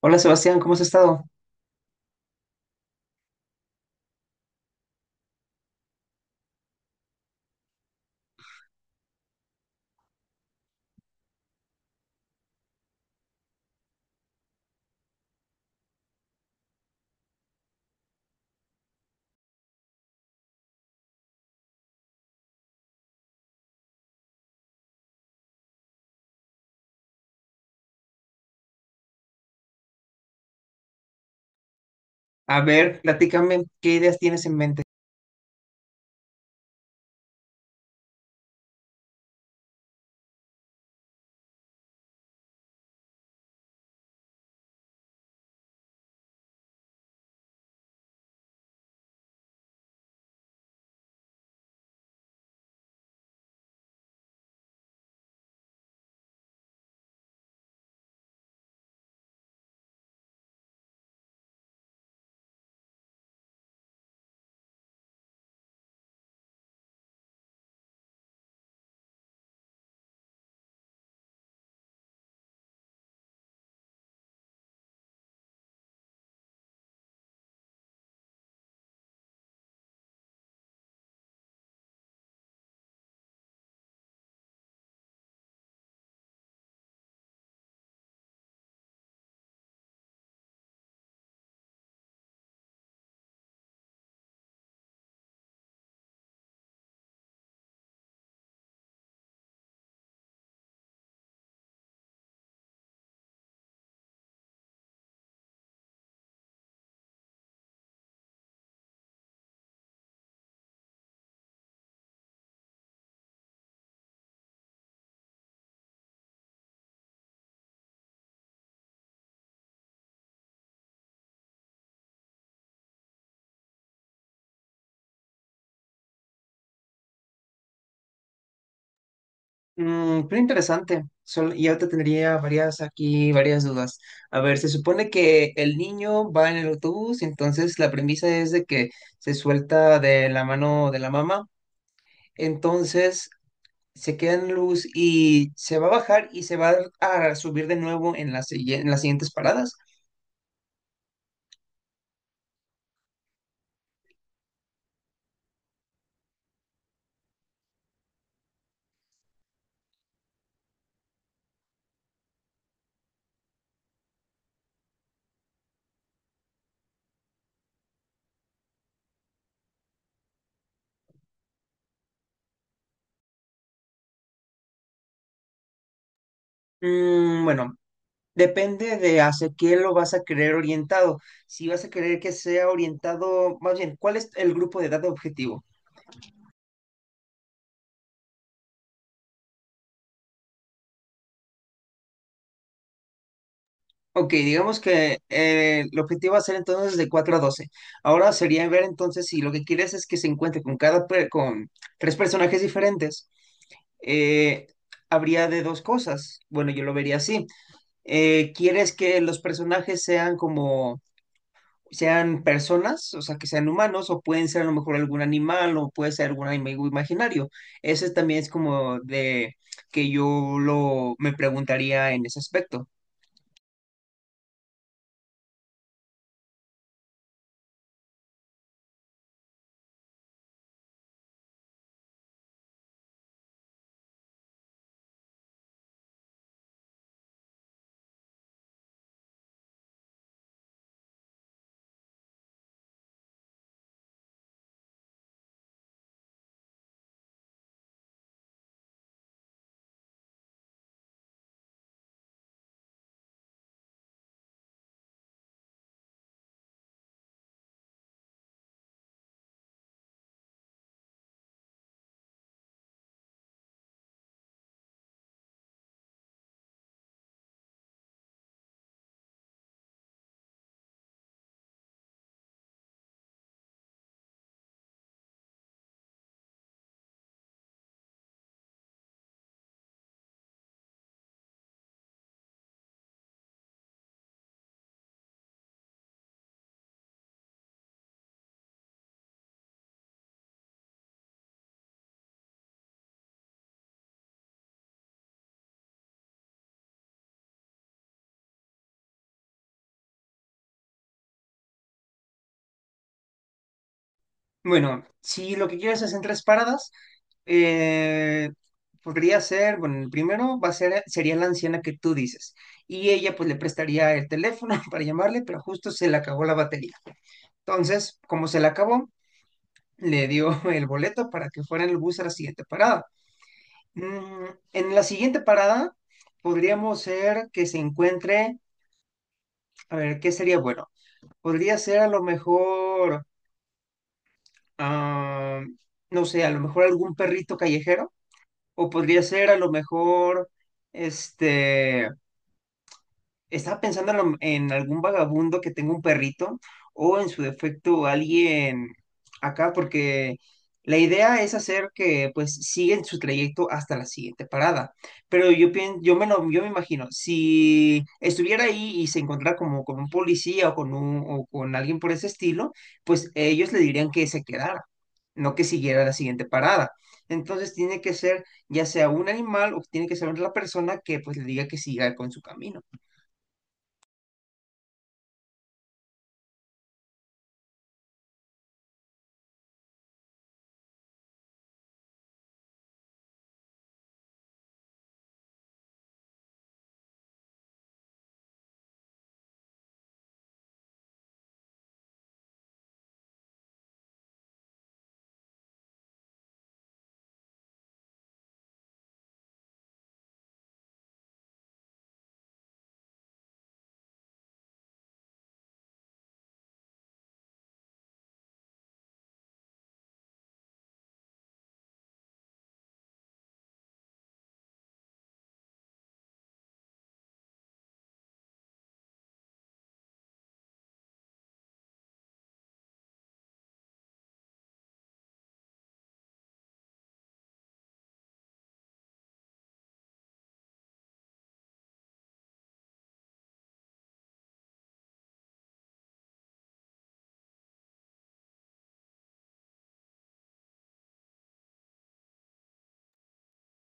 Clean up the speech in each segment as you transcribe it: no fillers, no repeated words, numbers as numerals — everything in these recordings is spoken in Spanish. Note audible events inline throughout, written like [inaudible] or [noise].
Hola Sebastián, ¿cómo has estado? A ver, platícame, ¿qué ideas tienes en mente? Mm, pero interesante. Y ahorita tendría varias aquí, varias dudas. A ver, se supone que el niño va en el autobús, entonces la premisa es de que se suelta de la mano de la mamá, entonces se queda en luz y se va a bajar y se va a subir de nuevo en en las siguientes paradas. Mm, bueno. Depende de hacia quién lo vas a querer orientado. Si vas a querer que sea orientado, más bien, ¿cuál es el grupo de edad objetivo? Ok, digamos que el objetivo va a ser entonces de 4 a 12. Ahora sería ver entonces si lo que quieres es que se encuentre con con tres personajes diferentes. eh, Habría de dos cosas. Bueno, yo lo vería así. ¿Quieres que los personajes sean personas? O sea, que sean humanos, o pueden ser a lo mejor algún animal, o puede ser algún amigo imaginario. Ese también es como de que yo lo me preguntaría en ese aspecto. Bueno, si lo que quieres es en tres paradas, eh, podría ser, bueno, el primero va a ser, sería la anciana que tú dices, y ella pues le prestaría el teléfono [laughs] para llamarle, pero justo se le acabó la batería. Entonces, como se le acabó, le dio [laughs] el boleto para que fuera en el bus a la siguiente parada. Mm, en la siguiente parada podríamos ser que se encuentre. A ver, ¿qué sería bueno? Podría ser a lo mejor, ah, no sé, a lo mejor algún perrito callejero, o podría ser a lo mejor, este, estaba pensando en, en algún vagabundo que tenga un perrito, o en su defecto alguien acá, porque la idea es hacer que pues siguen su trayecto hasta la siguiente parada. Pero yo pien- yo me lo- yo me imagino, si estuviera ahí y se encontrara como con un policía o con alguien por ese estilo, pues ellos le dirían que se quedara, no que siguiera la siguiente parada. Entonces tiene que ser ya sea un animal o tiene que ser la persona que pues le diga que siga con su camino.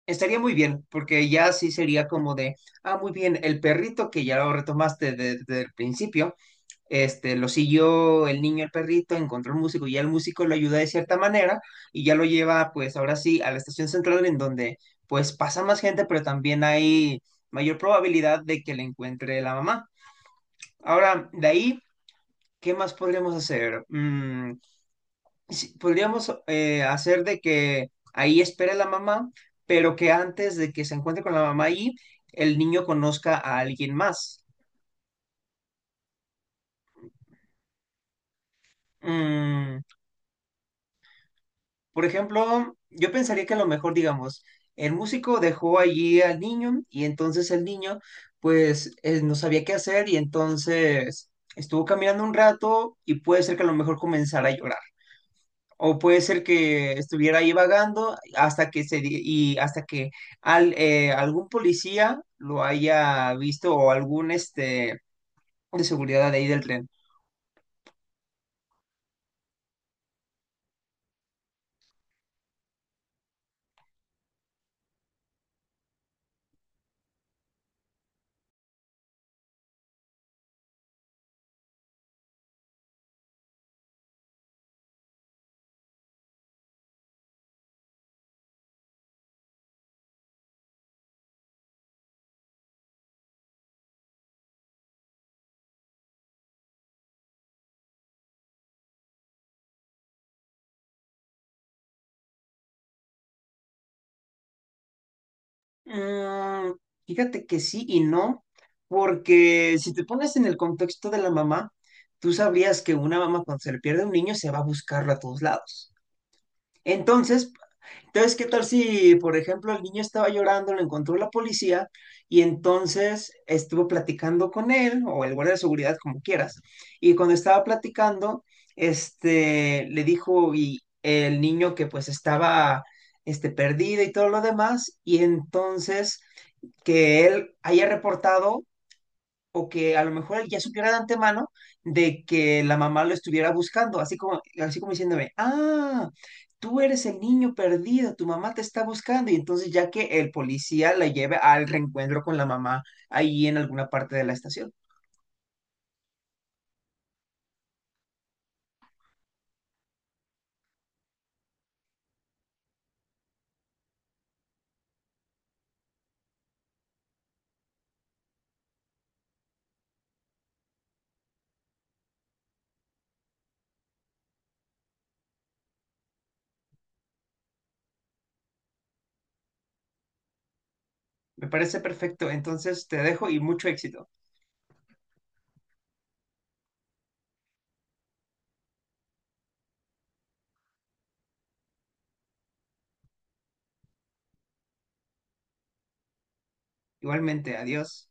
Estaría muy bien, porque ya sí sería como de, ah, muy bien, el perrito que ya lo retomaste desde el principio, este, lo siguió el niño, el perrito, encontró el músico y ya el músico lo ayuda de cierta manera y ya lo lleva, pues ahora sí, a la estación central en donde pues pasa más gente, pero también hay mayor probabilidad de que le encuentre la mamá. Ahora, de ahí, ¿qué más podríamos hacer? Mm, sí, podríamos hacer de que ahí espere la mamá, pero que antes de que se encuentre con la mamá ahí, el niño conozca a alguien más. Mm, por ejemplo, yo pensaría que a lo mejor, digamos, el músico dejó allí al niño y entonces el niño, pues, no sabía qué hacer y entonces estuvo caminando un rato y puede ser que a lo mejor comenzara a llorar. O puede ser que estuviera ahí vagando hasta que se di- y hasta que algún policía lo haya visto, o algún este de seguridad de ahí del tren. Mm, fíjate que sí y no, porque si te pones en el contexto de la mamá, tú sabrías que una mamá cuando se le pierde un niño se va a buscarlo a todos lados. Entonces, Entonces, ¿qué tal si, por ejemplo, el niño estaba llorando, lo encontró la policía y entonces estuvo platicando con él, o el guardia de seguridad, como quieras? Y cuando estaba platicando, este, le dijo, y el niño que pues estaba, este, perdido y todo lo demás, y entonces que él haya reportado, o que a lo mejor él ya supiera de antemano de que la mamá lo estuviera buscando, así como diciéndome, ah, tú eres el niño perdido, tu mamá te está buscando, y entonces ya que el policía la lleve al reencuentro con la mamá ahí en alguna parte de la estación. Me parece perfecto, entonces te dejo y mucho éxito. Igualmente, adiós.